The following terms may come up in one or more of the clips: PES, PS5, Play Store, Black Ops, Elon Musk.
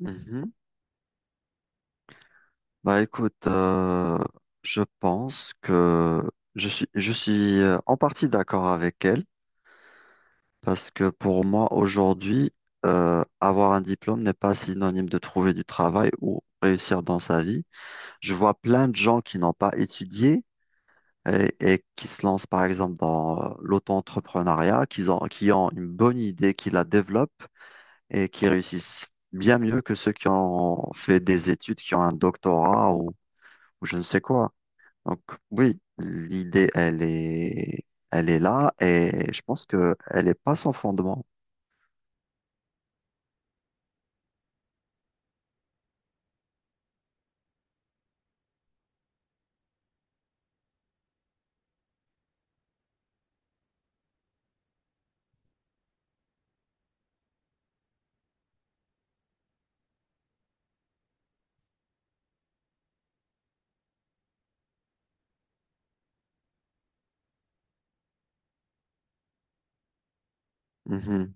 Mhm. Bah écoute, je pense que je suis en partie d'accord avec elle parce que pour moi aujourd'hui, avoir un diplôme n'est pas synonyme de trouver du travail ou réussir dans sa vie. Je vois plein de gens qui n'ont pas étudié et qui se lancent par exemple dans l'auto-entrepreneuriat, qui ont une bonne idée, qui la développent et qui réussissent bien mieux que ceux qui ont fait des études, qui ont un doctorat ou je ne sais quoi. Donc oui, l'idée, elle est là et je pense que elle est pas sans fondement. Mhm.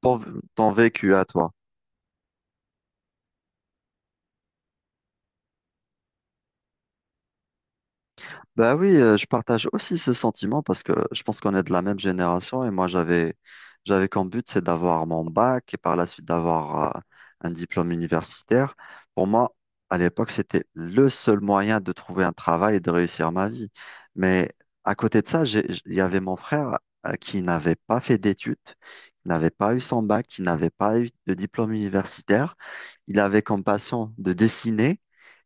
Ton, ton vécu à toi. Bah oui, je partage aussi ce sentiment parce que je pense qu'on est de la même génération et moi j'avais comme but c'est d'avoir mon bac et par la suite d'avoir un diplôme universitaire. Pour moi, à l'époque, c'était le seul moyen de trouver un travail et de réussir ma vie. Mais à côté de ça, il y avait mon frère qui n'avait pas fait d'études, qui n'avait pas eu son bac, qui n'avait pas eu de diplôme universitaire. Il avait comme passion de dessiner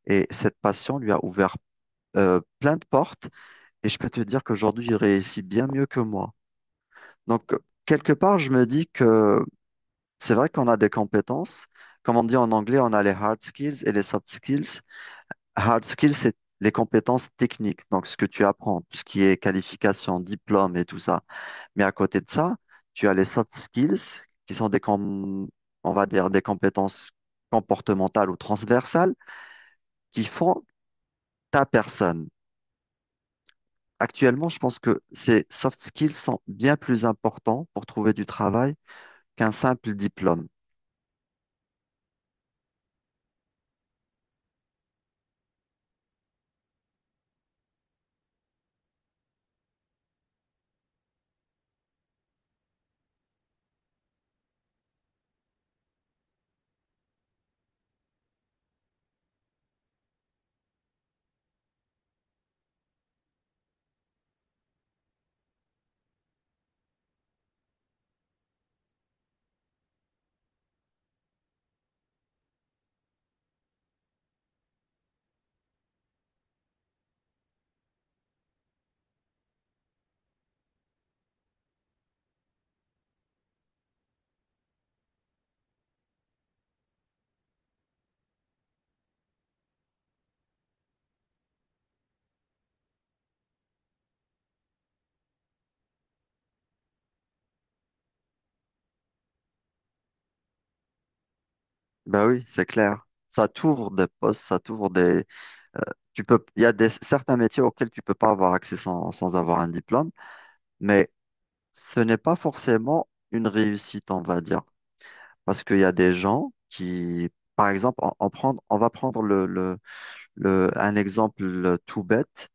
et cette passion lui a ouvert plein de portes. Et je peux te dire qu'aujourd'hui, il réussit bien mieux que moi. Donc, quelque part, je me dis que c'est vrai qu'on a des compétences. Comme on dit en anglais, on a les hard skills et les soft skills. Hard skills, c'est les compétences techniques, donc ce que tu apprends, tout ce qui est qualification, diplôme et tout ça. Mais à côté de ça, tu as les soft skills, qui sont des, on va dire, des compétences comportementales ou transversales qui font ta personne. Actuellement, je pense que ces soft skills sont bien plus importants pour trouver du travail qu'un simple diplôme. Ben oui, c'est clair. Ça t'ouvre des postes, ça t'ouvre des… Tu peux… Il y a des… certains métiers auxquels tu peux pas avoir accès sans avoir un diplôme, mais ce n'est pas forcément une réussite, on va dire. Parce qu'il y a des gens qui, par exemple, on va prendre un exemple tout bête,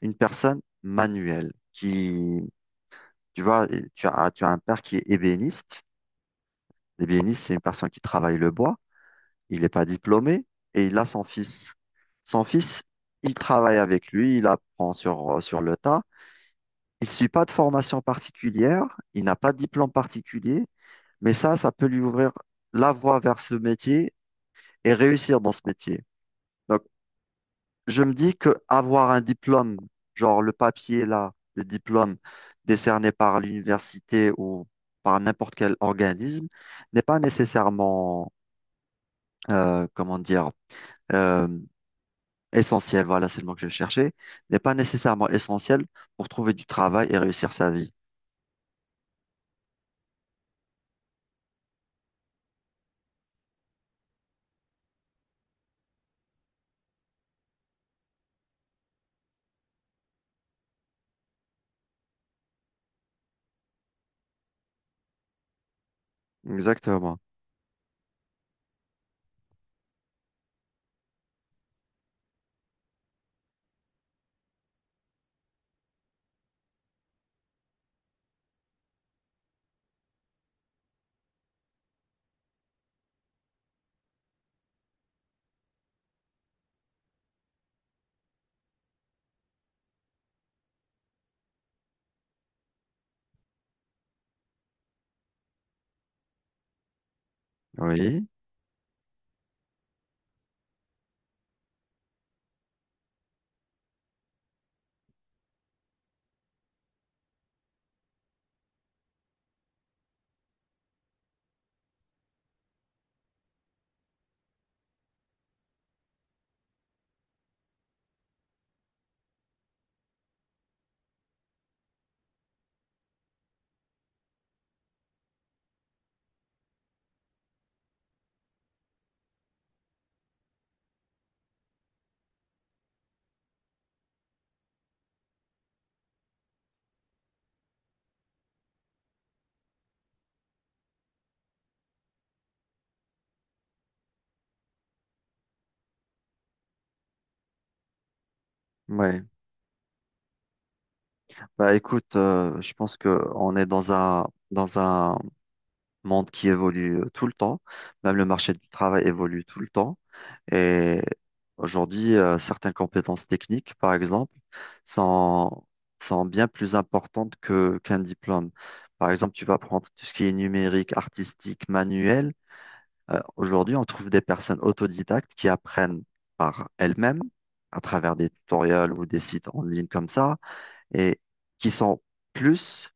une personne manuelle qui. Tu vois, et tu as un père qui est ébéniste. L'ébéniste, c'est une personne qui travaille le bois. Il n'est pas diplômé et il a son fils. Son fils, il travaille avec lui, il apprend sur le tas. Il ne suit pas de formation particulière, il n'a pas de diplôme particulier, mais ça peut lui ouvrir la voie vers ce métier et réussir dans ce métier. Donc, je me dis que avoir un diplôme, genre le papier là, le diplôme décerné par l'université ou par n'importe quel organisme, n'est pas nécessairement, comment dire, euh, essentiel, voilà, c'est le mot que je cherchais, n'est pas nécessairement essentiel pour trouver du travail et réussir sa vie. Exactement. Oui. Ouais. Bah écoute, je pense que on est dans un monde qui évolue tout le temps. Même le marché du travail évolue tout le temps. Et aujourd'hui, certaines compétences techniques, par exemple, sont, sont bien plus importantes qu'un diplôme. Par exemple, tu vas prendre tout ce qui est numérique, artistique, manuel. Aujourd'hui, on trouve des personnes autodidactes qui apprennent par elles-mêmes, à travers des tutoriels ou des sites en ligne comme ça, et qui sont plus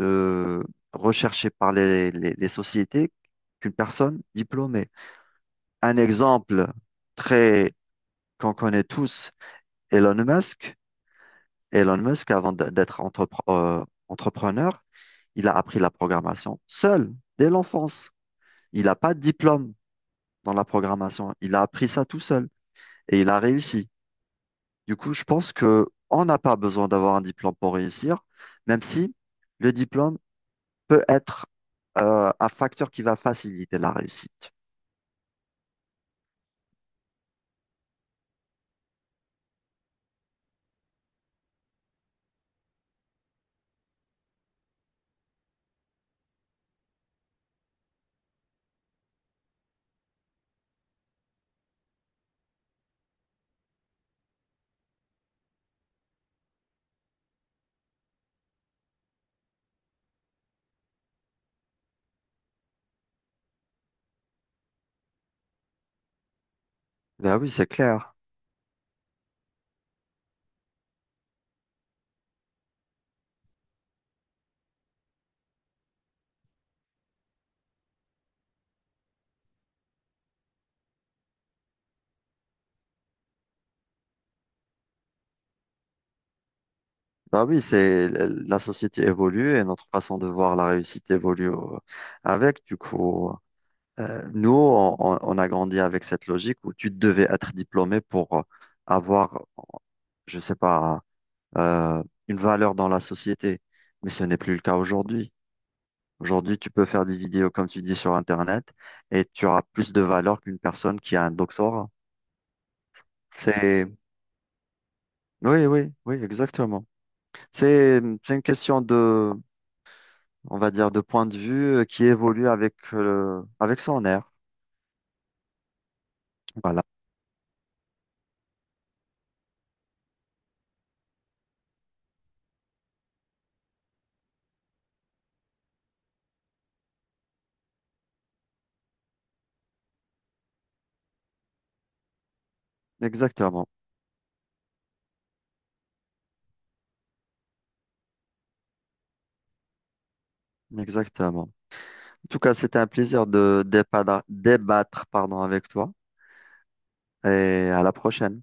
euh, recherchées par les sociétés qu'une personne diplômée. Un exemple très qu'on connaît tous Elon Musk. Elon Musk, avant d'être entrepreneur, il a appris la programmation seul, dès l'enfance. Il n'a pas de diplôme dans la programmation. Il a appris ça tout seul et il a réussi. Du coup, je pense que on n'a pas besoin d'avoir un diplôme pour réussir, même si le diplôme peut être un facteur qui va faciliter la réussite. Ben oui, c'est clair. Bah oui, c'est la société évolue et notre façon de voir la réussite évolue avec. Du coup, on a grandi avec cette logique où tu devais être diplômé pour avoir, je sais pas, euh, une valeur dans la société. Mais ce n'est plus le cas aujourd'hui. Aujourd'hui, tu peux faire des vidéos, comme tu dis, sur Internet et tu auras plus de valeur qu'une personne qui a un doctorat. C'est, oui, oui, oui, exactement. C'est une question on va dire, de point de vue qui évolue avec, avec son air. Voilà, exactement, exactement. En tout cas, c'était un plaisir de débattre, pardon, avec toi et à la prochaine.